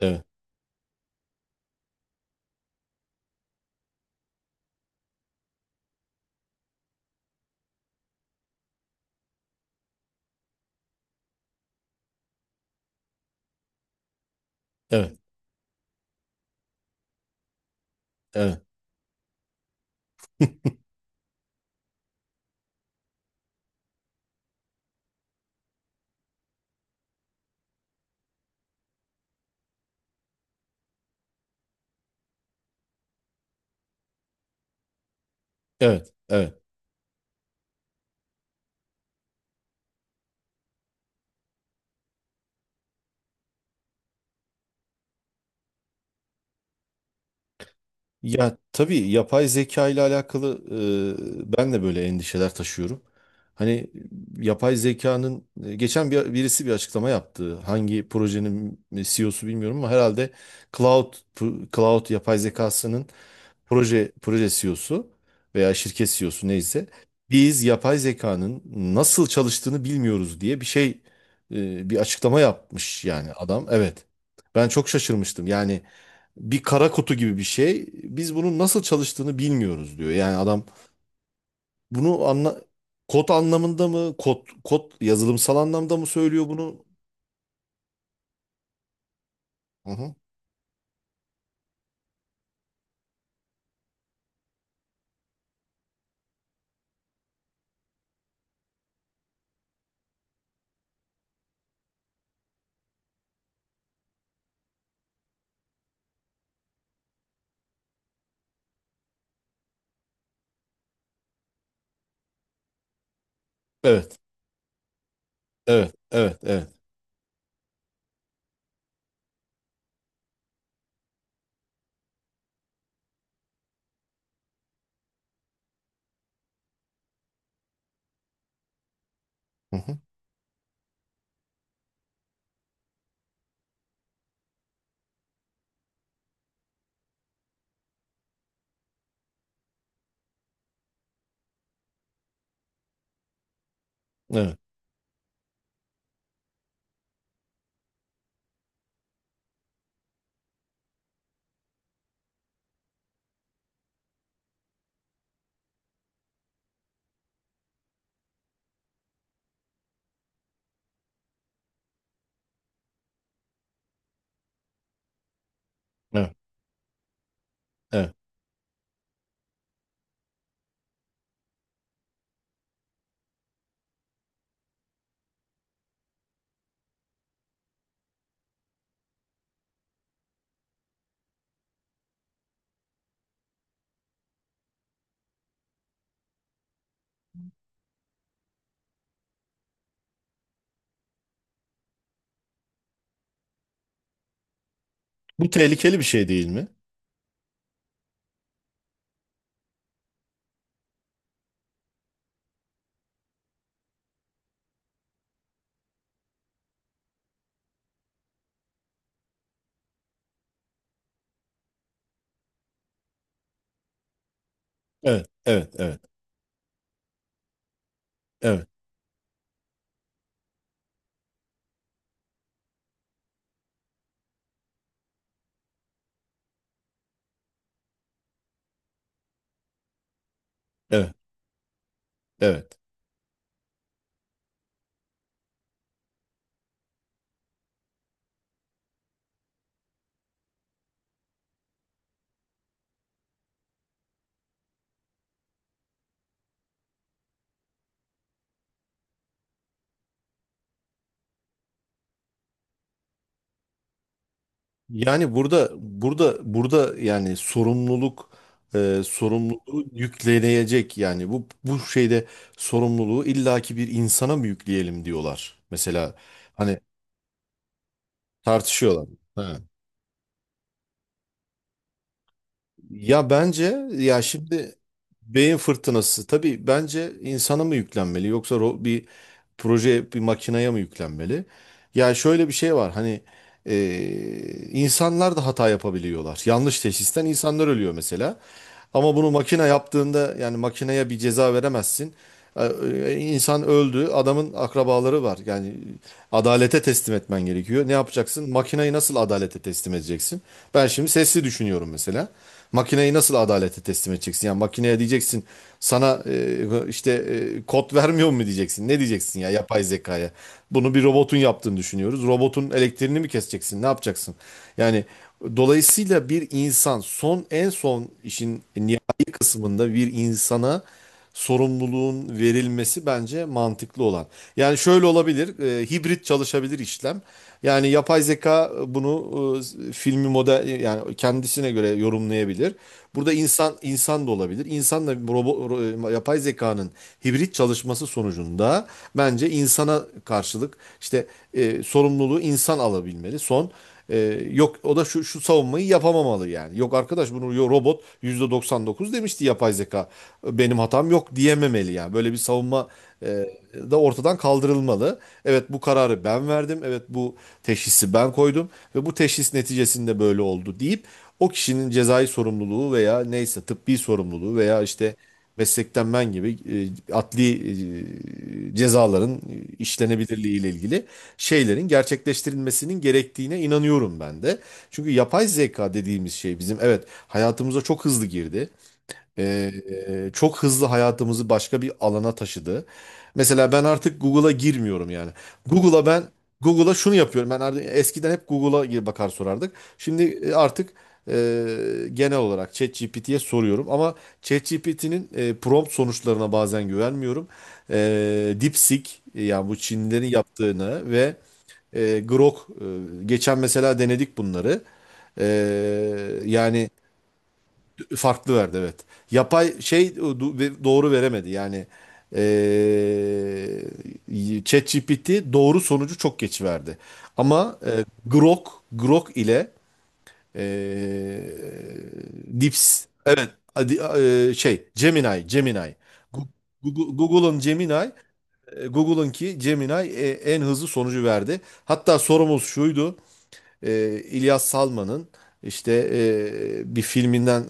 Evet, evet, evet, evet, evet. Ya tabii yapay zeka ile alakalı ben de böyle endişeler taşıyorum. Hani yapay zekanın geçen birisi bir açıklama yaptı. Hangi projenin CEO'su bilmiyorum ama herhalde Cloud Cloud yapay zekasının proje C E OS'u veya şirket CEO'su neyse biz yapay zekanın nasıl çalıştığını bilmiyoruz diye bir şey bir açıklama yapmış yani adam. Evet. Ben çok şaşırmıştım. Yani bir kara kutu gibi bir şey. Biz bunun nasıl çalıştığını bilmiyoruz diyor. Yani adam bunu anla kod anlamında mı kod yazılımsal anlamda mı söylüyor bunu? Hı hı. Evet. Evet. Evet. Evet. Hı hı. Evet. Evet. Evet. Bu tehlikeli bir şey değil mi? Evet. Evet. Evet. Evet. Evet. Evet. Yani burada yani sorumluluk, sorumluluğu yükleyecek yani bu şeyde sorumluluğu illaki bir insana mı yükleyelim diyorlar. Mesela hani tartışıyorlar. Ha. Ya bence ya şimdi beyin fırtınası, tabii bence insana mı yüklenmeli yoksa bir makineye mi yüklenmeli? Ya şöyle bir şey var hani insanlar da hata yapabiliyorlar. Yanlış teşhisten insanlar ölüyor mesela. Ama bunu makine yaptığında yani makineye bir ceza veremezsin. Ee, İnsan öldü, adamın akrabaları var. Yani adalete teslim etmen gerekiyor. Ne yapacaksın? Makineyi nasıl adalete teslim edeceksin? Ben şimdi sesli düşünüyorum mesela. Makineyi nasıl adalete teslim edeceksin? Yani makineye diyeceksin sana işte kod vermiyor mu diyeceksin? Ne diyeceksin ya yapay zekaya? Bunu bir robotun yaptığını düşünüyoruz. Robotun elektriğini mi keseceksin? Ne yapacaksın? Yani dolayısıyla bir insan en son işin nihai kısmında bir insana sorumluluğun verilmesi bence mantıklı olan. Yani şöyle olabilir, hibrit çalışabilir işlem. Yani yapay zeka bunu filmi model yani kendisine göre yorumlayabilir. Burada insan da olabilir. İnsanla yapay zekanın hibrit çalışması sonucunda bence insana karşılık işte sorumluluğu insan alabilmeli. Son ee, yok o da şu savunmayı yapamamalı yani. Yok arkadaş bunu robot %99 demişti yapay zeka. Benim hatam yok diyememeli yani. Böyle bir savunma e, da ortadan kaldırılmalı. Evet, bu kararı ben verdim. Evet, bu teşhisi ben koydum ve bu teşhis neticesinde böyle oldu deyip o kişinin cezai sorumluluğu veya neyse tıbbi sorumluluğu veya işte meslekten men gibi adli cezaların işlenebilirliği ile ilgili şeylerin gerçekleştirilmesinin gerektiğine inanıyorum ben de. Çünkü yapay zeka dediğimiz şey bizim, evet, hayatımıza çok hızlı girdi. Ee, çok hızlı hayatımızı başka bir alana taşıdı. Mesela ben artık Google'a girmiyorum yani. Google'a ben Google'a şunu yapıyorum. Ben artık eskiden hep Google'a bakar sorardık. Şimdi artık genel olarak ChatGPT'ye soruyorum ama ChatGPT'nin prompt sonuçlarına bazen güvenmiyorum. E, DeepSeek yani bu Çinlilerin yaptığını ve Grok geçen mesela denedik bunları. E, yani Farklı verdi, evet. Yapay şey doğru veremedi yani. Eee ChatGPT doğru sonucu çok geç verdi. Ama Grok ile Dips evet, hadi, şey Gemini, Gemini. Gu- Google'ın Google'ınki Gemini en hızlı sonucu verdi. Hatta sorumuz şuydu, İlyas Salman'ın işte bir filminden.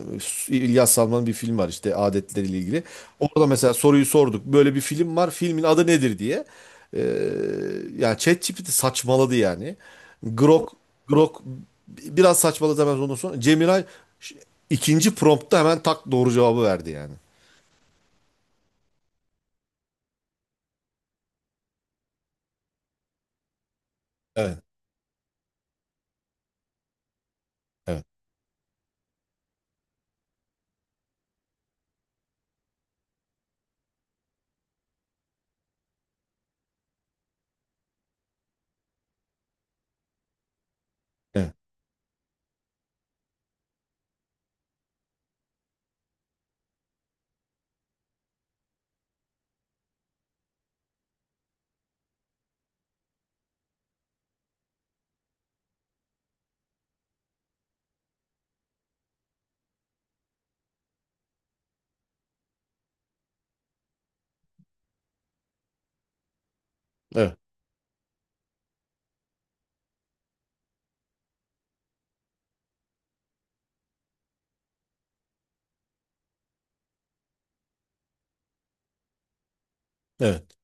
İlyas Salman'ın bir film var işte, adetleriyle ilgili. Orada mesela soruyu sorduk. Böyle bir film var. Filmin adı nedir diye. E, yani ChatGPT saçmaladı yani. Grok Grok biraz saçmaladı hemen ondan sonra. Cemiray ş- ikinci promptta hemen tak doğru cevabı verdi yani. Evet, evet, evet, evet, evet,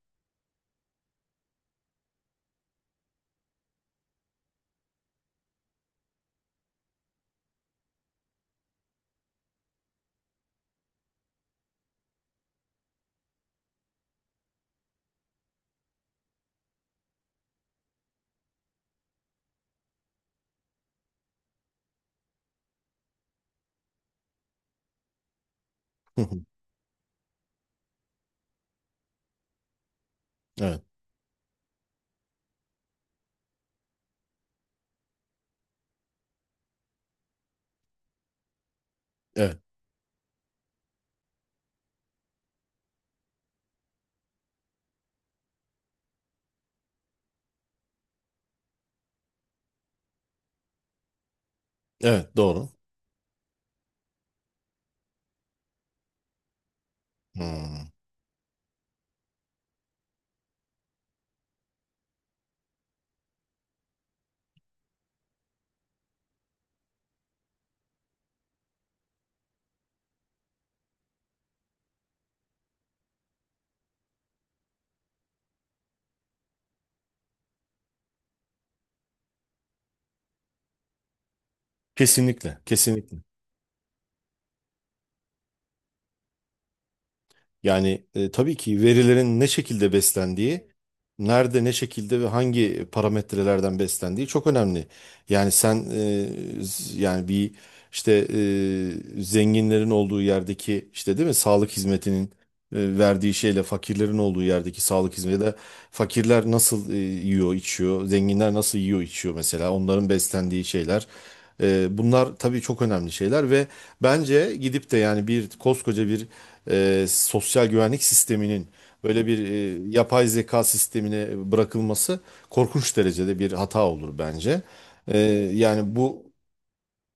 evet, evet, evet, doğru. Hmm. Kesinlikle, kesinlikle. Yani tabii ki verilerin ne şekilde beslendiği, nerede ne şekilde ve hangi parametrelerden beslendiği çok önemli. Yani sen, yani bir işte, zenginlerin olduğu yerdeki işte değil mi sağlık hizmetinin verdiği şeyle fakirlerin olduğu yerdeki sağlık hizmeti de, fakirler nasıl yiyor içiyor, zenginler nasıl yiyor içiyor mesela, onların beslendiği şeyler. Bunlar tabii çok önemli şeyler. Ve bence gidip de yani bir koskoca bir sosyal güvenlik sisteminin böyle bir yapay zeka sistemine bırakılması korkunç derecede bir hata olur bence. E, yani bu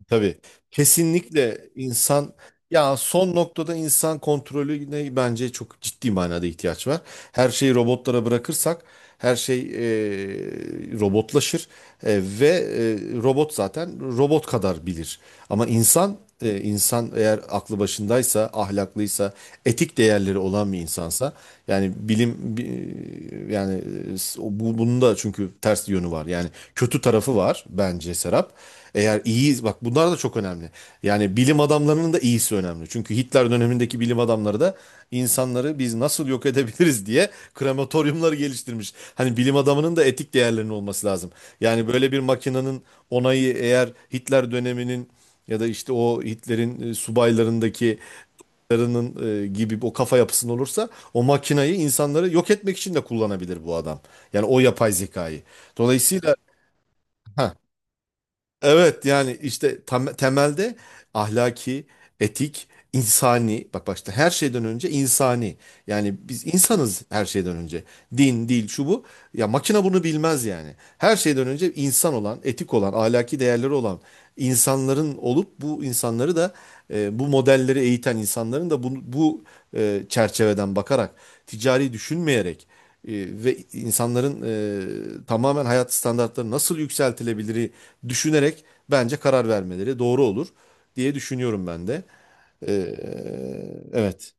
Tabii. Kesinlikle. İnsan ya son noktada insan kontrolüne bence çok ciddi manada ihtiyaç var. Her şeyi robotlara bırakırsak her şey robotlaşır. Ve robot zaten robot kadar bilir. Ama insan, eğer aklı başındaysa, ahlaklıysa, etik değerleri olan bir insansa, yani yani bunun da çünkü ters yönü var. Yani kötü tarafı var bence, Serap. Eğer iyi, biz bak bunlar da çok önemli. Yani bilim adamlarının da iyisi önemli. Çünkü Hitler dönemindeki bilim adamları da insanları biz nasıl yok edebiliriz diye krematoryumları geliştirmiş. Hani bilim adamının da etik değerlerinin olması lazım. Yani böyle bir makinenin onayı, eğer Hitler döneminin ya da işte o Hitler'in subaylarındaki insanların, gibi o kafa yapısında olursa o makinayı insanları yok etmek için de kullanabilir bu adam. Yani o yapay zekayı. Dolayısıyla, evet, yani işte tam, temelde ahlaki, etik, insani, bak, başta her şeyden önce insani. Yani biz insanız her şeyden önce. Din, dil, şu bu. Ya makine bunu bilmez yani. Her şeyden önce insan olan, etik olan, ahlaki değerleri olan insanların olup, bu insanları da, bu modelleri eğiten insanların da bu çerçeveden bakarak, ticari düşünmeyerek e, ve insanların tamamen hayat standartları nasıl yükseltilebilir düşünerek bence karar vermeleri doğru olur diye düşünüyorum ben de. E, evet.